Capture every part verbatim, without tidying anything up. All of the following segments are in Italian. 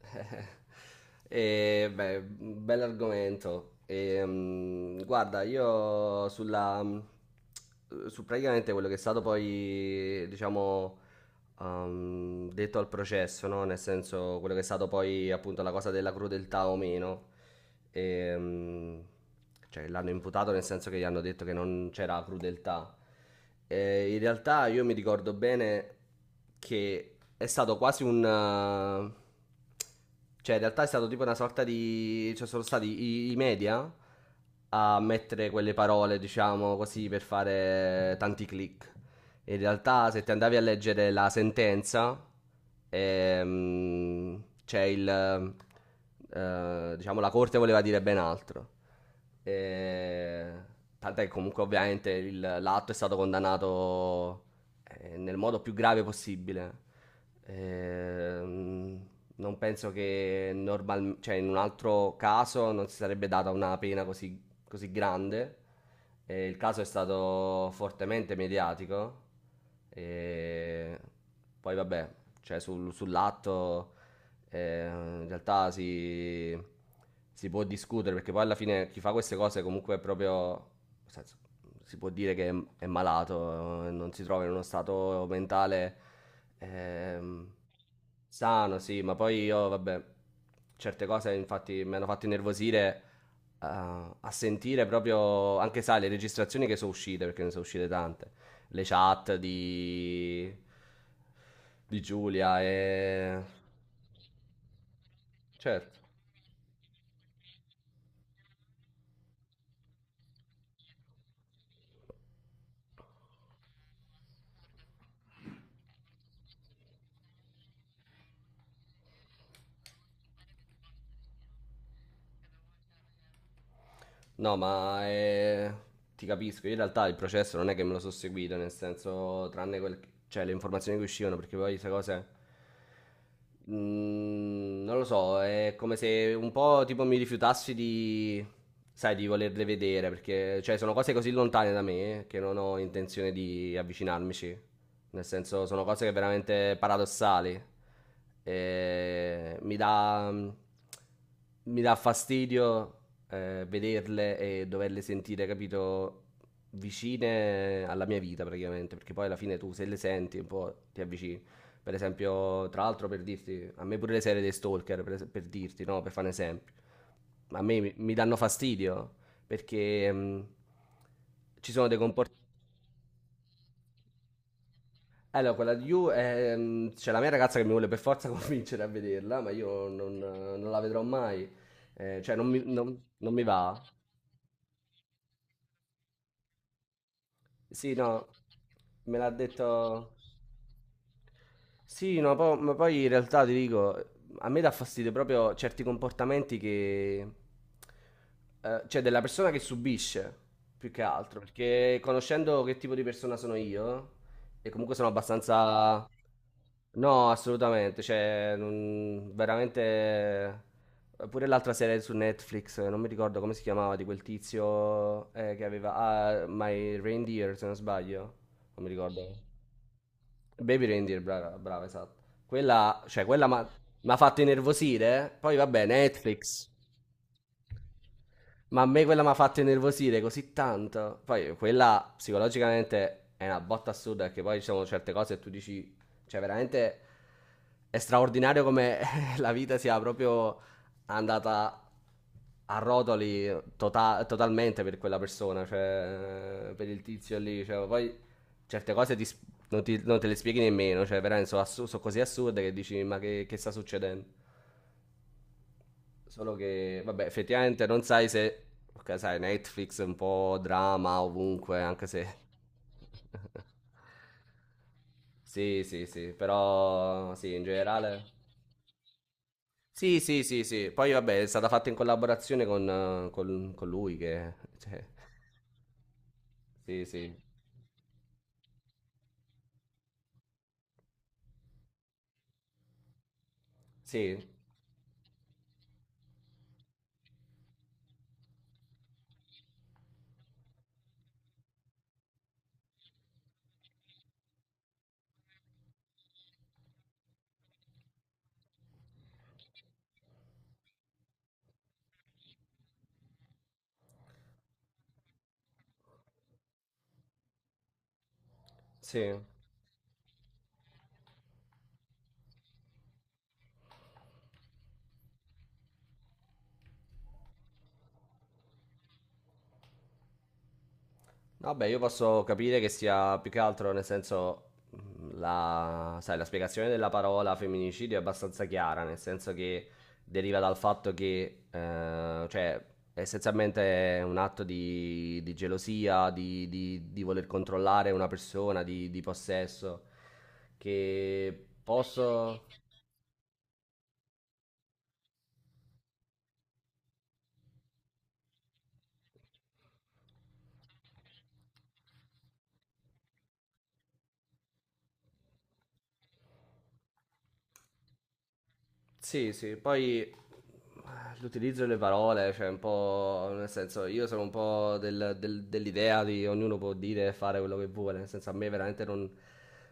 E, beh, bell'argomento. E, mm, guarda, io sulla, mm, su praticamente quello che è stato poi, diciamo, um, detto al processo, no? Nel senso, quello che è stato poi appunto la cosa della crudeltà o meno. E, mm, cioè, l'hanno imputato nel senso che gli hanno detto che non c'era crudeltà. E in realtà io mi ricordo bene che è stato quasi un... eh, cioè, in realtà è stato tipo una sorta di. Cioè, sono stati i, i media a mettere quelle parole, diciamo così, per fare tanti click. In realtà, se ti andavi a leggere la sentenza, ehm, c'è il. Eh, diciamo, la corte voleva dire ben altro. Eh, tant'è che comunque, ovviamente, il- l'atto è stato condannato, eh, nel modo più grave possibile. Ehm, non penso che normal- cioè, in un altro caso non si sarebbe data una pena così così grande. E il caso è stato fortemente mediatico. E poi vabbè, cioè sul- sull'atto, eh, in realtà si, si può discutere, perché poi alla fine chi fa queste cose comunque è proprio, nel senso, si può dire che è, è malato, eh, non si trova in uno stato mentale ehm, sano, sì, ma poi io vabbè, certe cose infatti mi hanno fatto innervosire a, a sentire proprio anche, sai, le registrazioni che sono uscite, perché ne sono uscite tante, le chat di, di, Giulia e... Certo. No, ma eh, ti capisco. Io in realtà il processo non è che me lo sono seguito, nel senso, tranne quel- cioè, le informazioni che uscivano, perché poi queste cose. Mm, non lo so, è come se un po' tipo mi rifiutassi di, sai, di volerle vedere, perché cioè, sono cose così lontane da me che non ho intenzione di avvicinarmici. Nel senso, sono cose che veramente paradossali. E mi dà, mi dà fastidio eh, vederle e doverle sentire, capito, vicine alla mia vita praticamente, perché poi alla fine tu se le senti un po' ti avvicini. Per esempio, tra l'altro per dirti, a me pure le serie dei stalker, per, es- per dirti, no, per fare un esempio, a me mi mi danno fastidio perché mh, ci sono dei comportamenti... Allora, quella di You, ehm, c'è la mia ragazza che mi vuole per forza convincere a vederla, ma io non, non la vedrò mai. Eh, cioè non mi non- non mi va. Sì, no, me l'ha detto, sì, no, po- ma poi in realtà ti dico, a me dà fastidio proprio certi comportamenti che... eh, cioè della persona che subisce, più che altro, perché conoscendo che tipo di persona sono io, e comunque sono abbastanza... No, assolutamente, cioè, non- veramente... Pure l'altra serie su Netflix, non mi ricordo come si chiamava, di quel tizio eh, che aveva... Ah, My Reindeer, se non sbaglio, non mi ricordo. Baby Reindeer, brava, brava, esatto. Quella, cioè, quella mi ha fatto innervosire. Poi, vabbè, Netflix. Ma a me quella mi ha fatto innervosire così tanto. Poi quella psicologicamente è una botta assurda, perché poi ci sono certe cose e tu dici, cioè veramente è straordinario come la vita sia proprio andata a rotoli tota- totalmente per quella persona, cioè per il tizio lì. Cioè, poi certe cose ti s- non, ti- non te le spieghi nemmeno, cioè veramente sono, assu- sono così assurde che dici ma che, che sta succedendo? Solo che, vabbè, effettivamente non sai se... Ok, sai, Netflix è un po' drama ovunque, anche se... Sì, sì, sì, però sì, in generale... Sì, sì, sì, sì. Poi vabbè, è stata fatta in collaborazione con, eh, con- con lui che... cioè, sì, sì. Sì, sì. Vabbè, io posso capire che sia più che altro, nel senso, mh, la, sai, la spiegazione della parola femminicidio è abbastanza chiara, nel senso che deriva dal fatto che, eh, cioè, essenzialmente è un atto di, di gelosia, di, di- di voler controllare una persona, di, di possesso, che posso... Sì, sì, poi eh, l'utilizzo delle parole, cioè un po', nel senso, io sono un po' del- del- dell'idea di ognuno può dire e fare quello che vuole, nel senso a me veramente non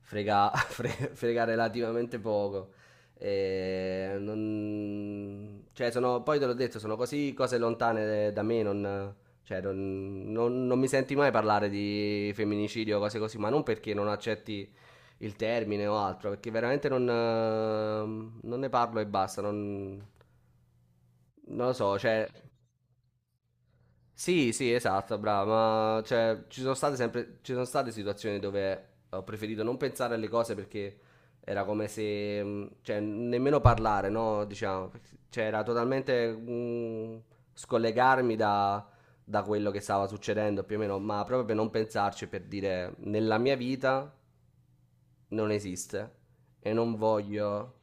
frega, fre- frega relativamente poco. E non- cioè sono, poi te l'ho detto, sono così cose lontane da me, non, cioè non, non- non mi senti mai parlare di femminicidio o cose così, ma non perché non accetti il termine o altro, perché veramente non, eh, non ne parlo e basta, non, non lo so, cioè, sì, sì, esatto, brava, ma cioè, ci sono state sempre, ci sono state situazioni dove ho preferito non pensare alle cose, perché era come se, mh, cioè, nemmeno parlare, no, diciamo, cioè, era totalmente mh, scollegarmi da, da quello che stava succedendo più o meno, ma proprio per non pensarci, per dire, nella mia vita non esiste e non voglio...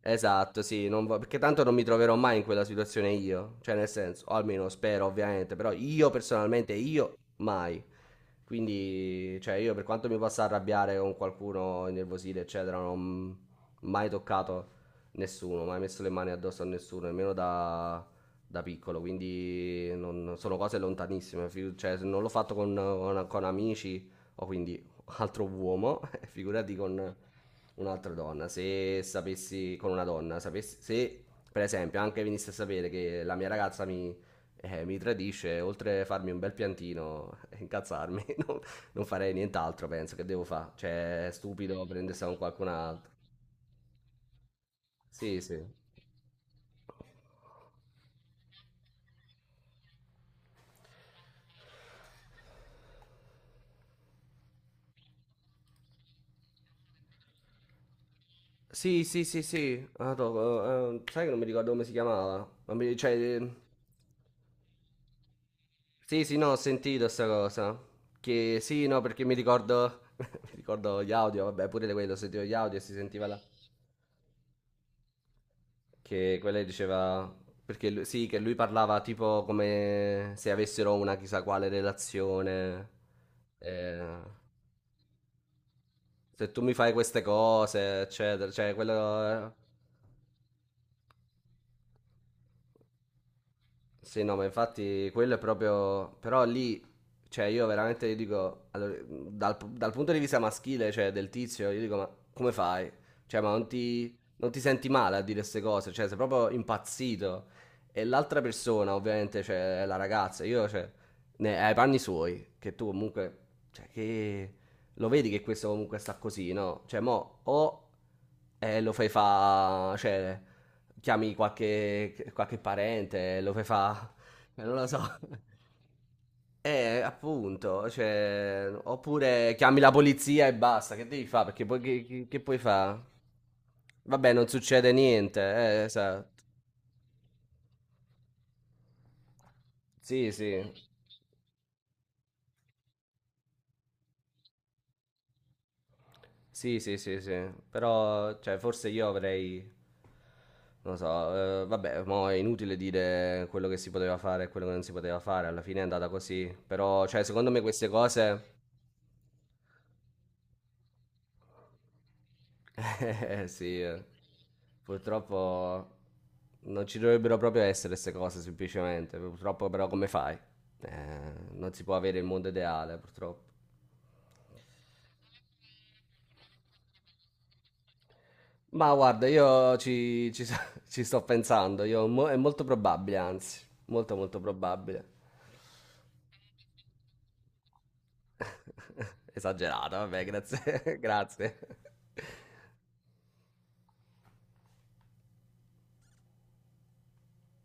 Esatto, sì, non vo- perché tanto non mi troverò mai in quella situazione io, cioè nel senso, o almeno spero ovviamente, però io personalmente, io mai. Quindi, cioè io per quanto mi possa arrabbiare con qualcuno, innervosire, eccetera, non ho mai toccato nessuno, mai messo le mani addosso a nessuno, nemmeno da da piccolo, quindi non- sono cose lontanissime, fi- cioè se non l'ho fatto con, con- con amici o quindi altro uomo, figurati con un'altra donna. Se sapessi con una donna, sapessi, se per esempio anche venisse a sapere che la mia ragazza mi, eh, mi tradisce, oltre a farmi un bel piantino e incazzarmi, non, non farei nient'altro, penso che devo fare. Cioè, è stupido prendersi con qualcun altro. Sì, sì. Sì, sì, sì, sì. Ah, to- eh, sai che non mi ricordo come si chiamava? Non mi- cioè, sì, sì, no, ho sentito sta cosa. Che sì, no, perché mi ricordo, mi ricordo gli audio, vabbè, pure di quello, sentivo gli audio e si sentiva là. Che quella diceva, perché lui- sì, che lui parlava tipo come se avessero una chissà quale relazione. eh, Se tu mi fai queste cose, eccetera, cioè quello... Sì, no, ma infatti quello è proprio... Però lì, cioè io veramente io dico, allora, dal, dal punto di vista maschile, cioè del tizio, io dico, ma come fai? Cioè, ma non ti, non ti senti male a dire queste cose? Cioè, sei proprio impazzito. E l'altra persona, ovviamente, cioè, è la ragazza, io, cioè, ne, ai panni suoi, che tu comunque, cioè, che... Lo vedi che questo comunque sta così, no? Cioè, mo, o eh, lo fai fa... cioè chiami qualche qualche parente, lo fai fa, eh, non lo so. Eh, appunto, cioè, oppure chiami la polizia e basta, che devi fare? Perché poi che, che- che puoi fare? Vabbè, non succede niente, eh, esatto. Sì, sì, sì, sì, sì, sì, però, cioè, forse io avrei, non lo so, eh, vabbè, mo è inutile dire quello che si poteva fare e quello che non si poteva fare, alla fine è andata così, però, cioè, secondo me queste cose... Eh, sì, eh. Purtroppo non ci dovrebbero proprio essere queste cose, semplicemente. Purtroppo però come fai? Eh, non si può avere il mondo ideale, purtroppo. Ma guarda, io ci, ci so- ci sto pensando, io mo- è molto probabile, anzi, molto molto probabile. Esagerato, vabbè, grazie, grazie.